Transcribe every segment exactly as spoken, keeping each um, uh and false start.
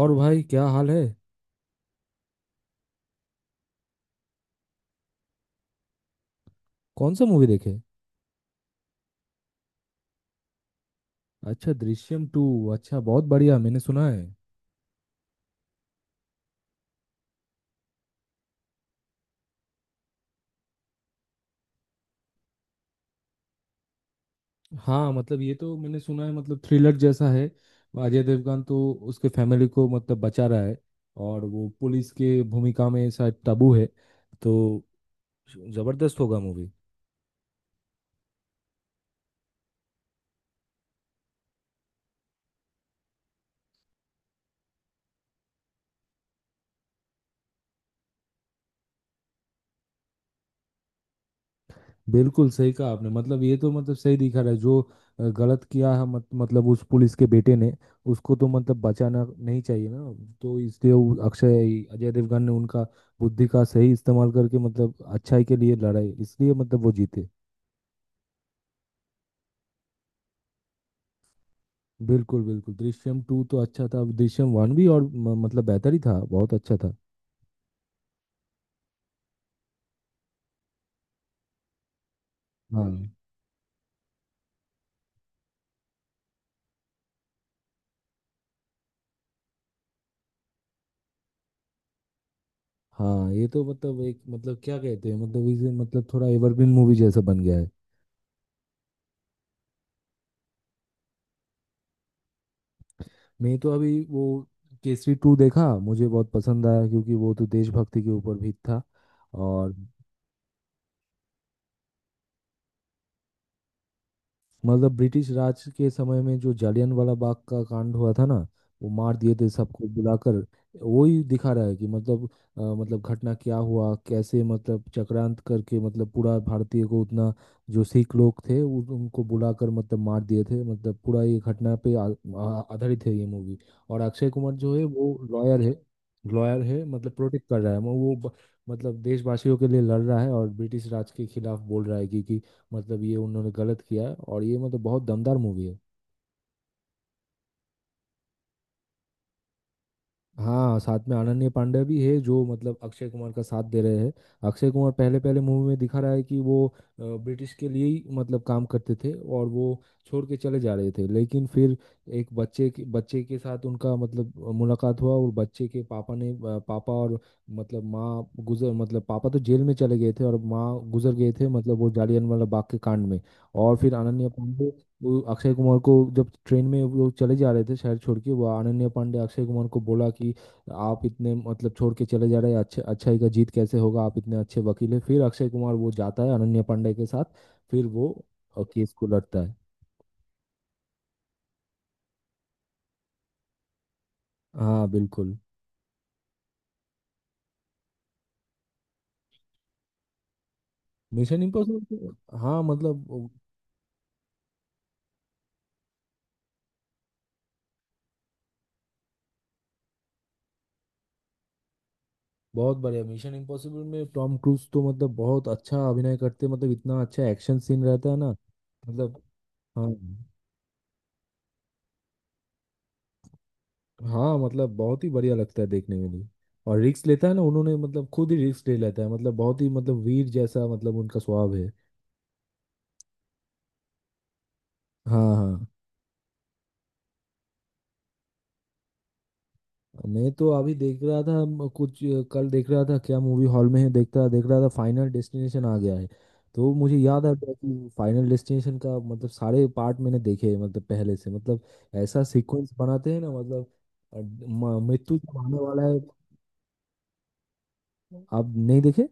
और भाई क्या हाल है। कौन सा मूवी देखे। अच्छा, दृश्यम टू। अच्छा, बहुत बढ़िया, मैंने सुना है। हाँ मतलब ये तो मैंने सुना है, मतलब थ्रिलर जैसा है। अजय देवगन तो उसके फैमिली को मतलब बचा रहा है और वो पुलिस के भूमिका में शायद तब्बू है। तो जबरदस्त होगा मूवी। बिल्कुल सही कहा आपने, मतलब ये तो मतलब सही दिखा रहा है। जो अ, गलत किया है मत, मतलब उस पुलिस के बेटे ने, उसको तो मतलब बचाना नहीं चाहिए ना। तो इसलिए वो अक्षय अजय देवगन ने उनका बुद्धि का सही इस्तेमाल करके मतलब अच्छाई के लिए लड़ाई, इसलिए मतलब वो जीते। बिल्कुल बिल्कुल, दृश्यम टू तो अच्छा था, दृश्यम वन भी, और म- मतलब बेहतर ही था, बहुत अच्छा था। हाँ हाँ, ये तो मतलब एक मतलब क्या कहते हैं, मतलब इसे मतलब थोड़ा एवरग्रीन मूवी जैसा बन गया है। मैं तो अभी वो केसरी टू देखा, मुझे बहुत पसंद आया क्योंकि वो तो देशभक्ति के ऊपर भी था। और मतलब ब्रिटिश राज के समय में जो जालियनवाला बाग का कांड हुआ था ना, वो मार दिए थे सबको बुलाकर। वही दिखा रहा है कि मतलब अ, मतलब घटना क्या हुआ, कैसे मतलब चक्रांत करके मतलब पूरा भारतीय को उतना जो सिख लोग थे उन, उनको बुलाकर मतलब मार दिए थे, मतलब पूरा ये घटना पे आ, आ- आधारित है ये मूवी। और अक्षय कुमार जो है वो लॉयर है। लॉयर है, मतलब प्रोटेक्ट कर रहा है वो वो ब- मतलब देशवासियों के लिए लड़ रहा है और ब्रिटिश राज के खिलाफ बोल रहा है कि, कि मतलब ये उन्होंने गलत किया। और ये मतलब बहुत दमदार मूवी है। हाँ, साथ में अनन्या पांडे भी है जो मतलब अक्षय कुमार का साथ दे रहे हैं। अक्षय कुमार पहले पहले मूवी में दिखा रहा है कि वो अ, ब्रिटिश के लिए ही मतलब काम करते थे और वो छोड़ के चले जा रहे थे, लेकिन फिर एक बच्चे के बच्चे के साथ उनका मतलब मुलाकात हुआ। और बच्चे के पापा ने अ, पापा और मतलब माँ गुजर मतलब पापा तो जेल में चले गए थे और माँ गुजर गए थे, मतलब वो जालियनवाला बाग के कांड में। और फिर अनन्या पांडे, वो अक्षय कुमार को जब ट्रेन में वो लोग चले जा रहे थे शहर छोड़ के, वो अनन्या पांडे अक्षय कुमार को बोला कि आप इतने मतलब छोड़ के चले जा रहे हैं, अच्छे अच्छाई का जीत कैसे होगा, आप इतने अच्छे वकील हैं। फिर अक्षय कुमार वो जाता है अनन्या पांडे के साथ, फिर वो अ, केस को लड़ता है। हाँ बिल्कुल। मिशन इम्पॉसिबल, हाँ मतलब वो बहुत बढ़िया। मिशन इम्पॉसिबल में टॉम क्रूज तो मतलब बहुत अच्छा अभिनय करते हैं, मतलब इतना अच्छा एक्शन सीन रहता है ना मतलब। हाँ हाँ, मतलब बहुत ही बढ़िया लगता है देखने में भी। और रिस्क लेता है ना, उन्होंने मतलब खुद ही रिस्क ले लेता है, मतलब बहुत ही मतलब वीर जैसा मतलब उनका स्वभाव है। हाँ हाँ। मैं तो अभी देख रहा था म- कुछ अ, कल देख रहा था क्या मूवी हॉल में है, देखता देख रहा था, फाइनल डेस्टिनेशन आ गया है। तो मुझे याद आ गया कि फाइनल डेस्टिनेशन का मतलब सारे पार्ट मैंने देखे हैं, मतलब पहले से मतलब ऐसा सीक्वेंस बनाते हैं ना मतलब अ, म- मृत्यु जब आने वाला है। आप नहीं देखे।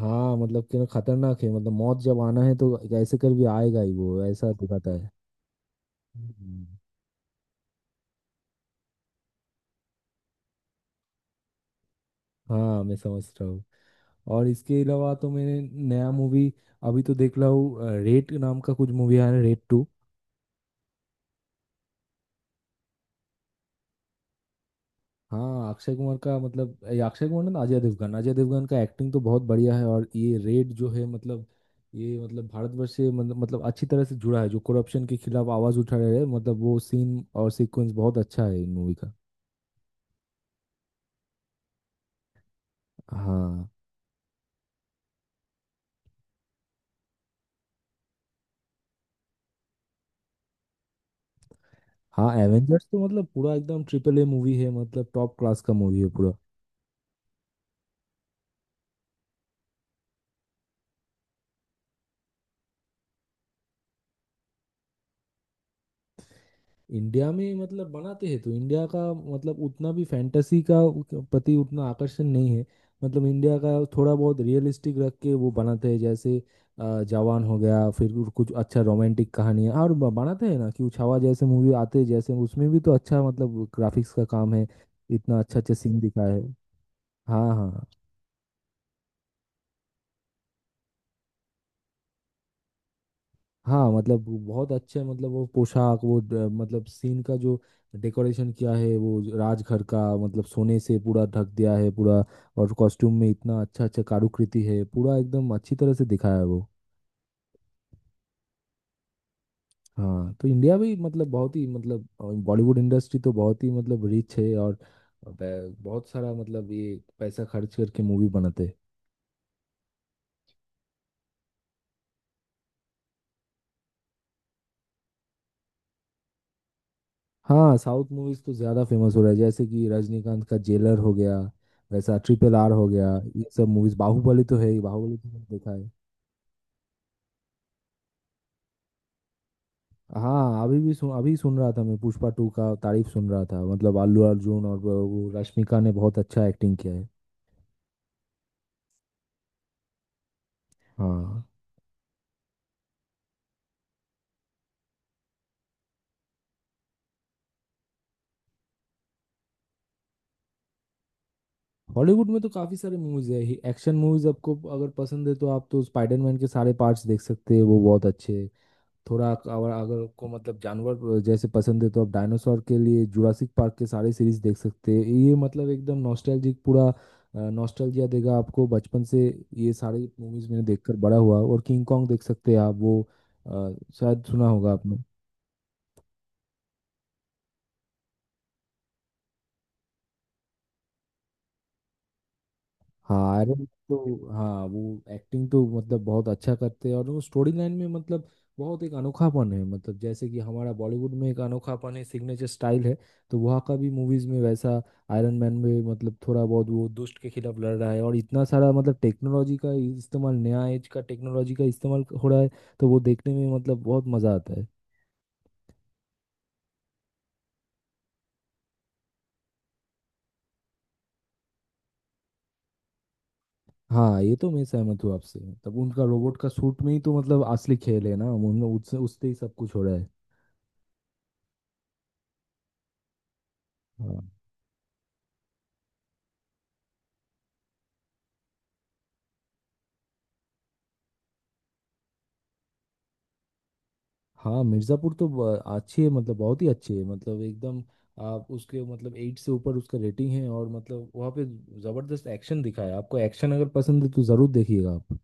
हाँ मतलब कि ना, खतरनाक है, मतलब मौत जब आना है तो कैसे कर भी आएगा ही, वो ऐसा दिखाता है। हम्म। हाँ मैं समझ रहा हूँ। और इसके अलावा तो मैंने नया मूवी अभी तो देख रहा हूँ, अ, रेड नाम का कुछ मूवी आया है, रेड टू। हाँ, अक्षय कुमार का मतलब ये अक्षय कुमार ना अजय देवगन, अजय देवगन का एक्टिंग तो बहुत बढ़िया है। और ये रेड जो है, मतलब ये मतलब भारतवर्ष से मतलब मतलब अच्छी तरह से जुड़ा है, जो करप्शन के खिलाफ आवाज उठा रहे हैं, मतलब वो सीन और सीक्वेंस बहुत अच्छा है इन मूवी का। हाँ। हाँ, एवेंजर्स तो मतलब पूरा एकदम ट्रिपल ए मूवी है, मतलब टॉप क्लास का मूवी है पूरा। इंडिया में मतलब बनाते हैं तो इंडिया का मतलब उतना भी फैंटेसी का उ- प्रति उतना आकर्षण नहीं है। मतलब इंडिया का थोड़ा बहुत रियलिस्टिक रख के वो बनाते हैं, जैसे अ, जवान हो गया, फिर कुछ कुछ अच्छा रोमांटिक कहानी है। और ब- बनाते हैं ना कि उछावा जैसे मूवी आते हैं, जैसे उसमें भी तो अच्छा मतलब ग्राफिक्स का काम है, इतना अच्छा अच्छा सीन दिखाया है। हाँ हाँ। हाँ मतलब वो बहुत अच्छे, मतलब वो पोशाक वो ड- मतलब सीन का जो डेकोरेशन किया है वो राजघर का, मतलब सोने से पूरा ढक दिया है पूरा। और कॉस्ट्यूम में इतना अच्छा अच्छा कारुकृति है, पूरा एकदम अच्छी तरह से दिखाया है वो। हाँ तो इंडिया भी मतलब बहुत ही मतलब बॉलीवुड इंडस्ट्री तो बहुत ही मतलब रिच है, और ब- बहुत सारा मतलब ये पैसा खर्च करके मूवी बनाते हैं। हाँ, साउथ मूवीज तो ज्यादा फेमस हो रहा है, जैसे कि रजनीकांत का जेलर हो गया, वैसा ट्रिपल आर हो गया, ये सब मूवीज। बाहुबली तो है ही, बाहुबली तो मैंने देखा है। हाँ अभी भी सुन अभी सुन रहा था मैं, पुष्पा टू का तारीफ सुन रहा था, मतलब अल्लू अर्जुन और वो वो रश्मिका ने बहुत अच्छा एक्टिंग किया है। हाँ। हॉलीवुड में तो काफी सारे मूवीज है। एक्शन मूवीज आपको अगर पसंद है तो आप तो स्पाइडरमैन के सारे पार्ट्स देख सकते हैं, वो बहुत अच्छे। थोड़ा अक- और अगर को मतलब जानवर जैसे पसंद है तो आप डायनासोर के लिए जुरासिक पार्क के सारे सीरीज देख सकते हैं, ये मतलब एकदम नॉस्टैल्जिक पूरा, नॉस्टैल्जिया देगा आपको बचपन से। ये सारी मूवीज मैंने देखकर बड़ा हुआ। और किंग कॉन्ग देख सकते हैं आप, वो अ, शायद सुना होगा आपने। हाँ आयरन मैन, तो हाँ, वो एक्टिंग तो मतलब बहुत अच्छा करते हैं। और वो स्टोरी लाइन में मतलब बहुत एक अनोखापन है, मतलब जैसे कि हमारा बॉलीवुड में एक अनोखापन है, सिग्नेचर स्टाइल है, तो वहाँ का भी मूवीज में वैसा। आयरन मैन में मतलब थोड़ा बहुत वो दुष्ट के खिलाफ लड़ रहा है और इतना सारा मतलब टेक्नोलॉजी का इस्तेमाल, नया एज का टेक्नोलॉजी का इस्तेमाल हो रहा है, तो वो देखने में मतलब बहुत मजा आता है। हाँ ये तो मैं सहमत हूँ आपसे, मतलब उनका रोबोट का सूट में ही तो मतलब असली खेल है ना, उन उससे उससे ही सब कुछ हो रहा है। हाँ हाँ। मिर्ज़ापुर तो ब- अच्छी है, मतलब बहुत ही अच्छी है, मतलब एकदम। आप उसके मतलब एट से ऊपर उसका रेटिंग है। और मतलब वहाँ पे ज़बरदस्त एक्शन दिखा है आपको, एक्शन अगर पसंद है तो ज़रूर देखिएगा आप।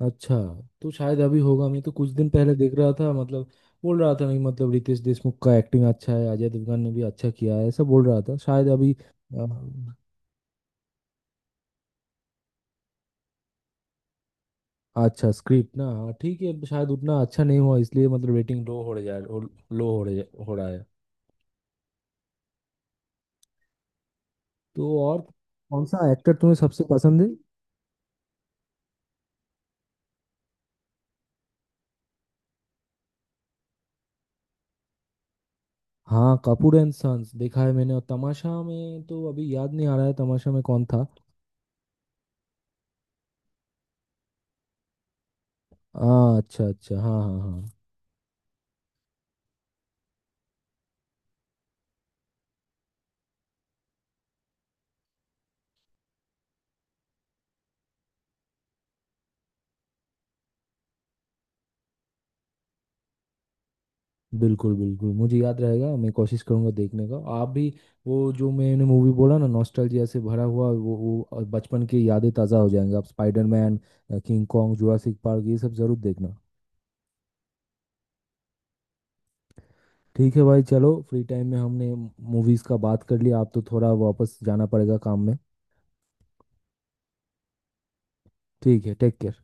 अच्छा, तो शायद अभी होगा, मैं तो कुछ दिन पहले देख रहा था मतलब बोल रहा था नहीं, मतलब रितेश देशमुख का एक्टिंग अच्छा है, अजय देवगन ने भी अच्छा किया है ऐसा बोल रहा था शायद अभी अ, अच्छा स्क्रिप्ट ना, हाँ ठीक है, शायद उतना अच्छा नहीं हुआ इसलिए मतलब रेटिंग लो हो रहा है। लो हो रहा है तो और कौन सा एक्टर तुम्हें सबसे पसंद है। हाँ कपूर एंड सन्स देखा है मैंने। और तमाशा में तो अभी याद नहीं आ रहा है, तमाशा में कौन था। हाँ अच्छा अच्छा, हाँ हाँ हाँ। बिल्कुल बिल्कुल, मुझे याद रहेगा, मैं कोशिश करूंगा देखने का। आप भी वो जो मैंने मूवी बोला ना, नॉस्टैल्जिया से भरा हुआ, वो वो और बचपन की यादें ताज़ा हो जाएंगी, आप Spiderman, King Kong, Jurassic Park ये सब ज़रूर देखना। ठीक है भाई चलो, फ्री टाइम में हमने मूवीज़ का बात कर लिया, आप तो थोड़ा वापस जाना पड़ेगा काम में। ठीक है, टेक केयर।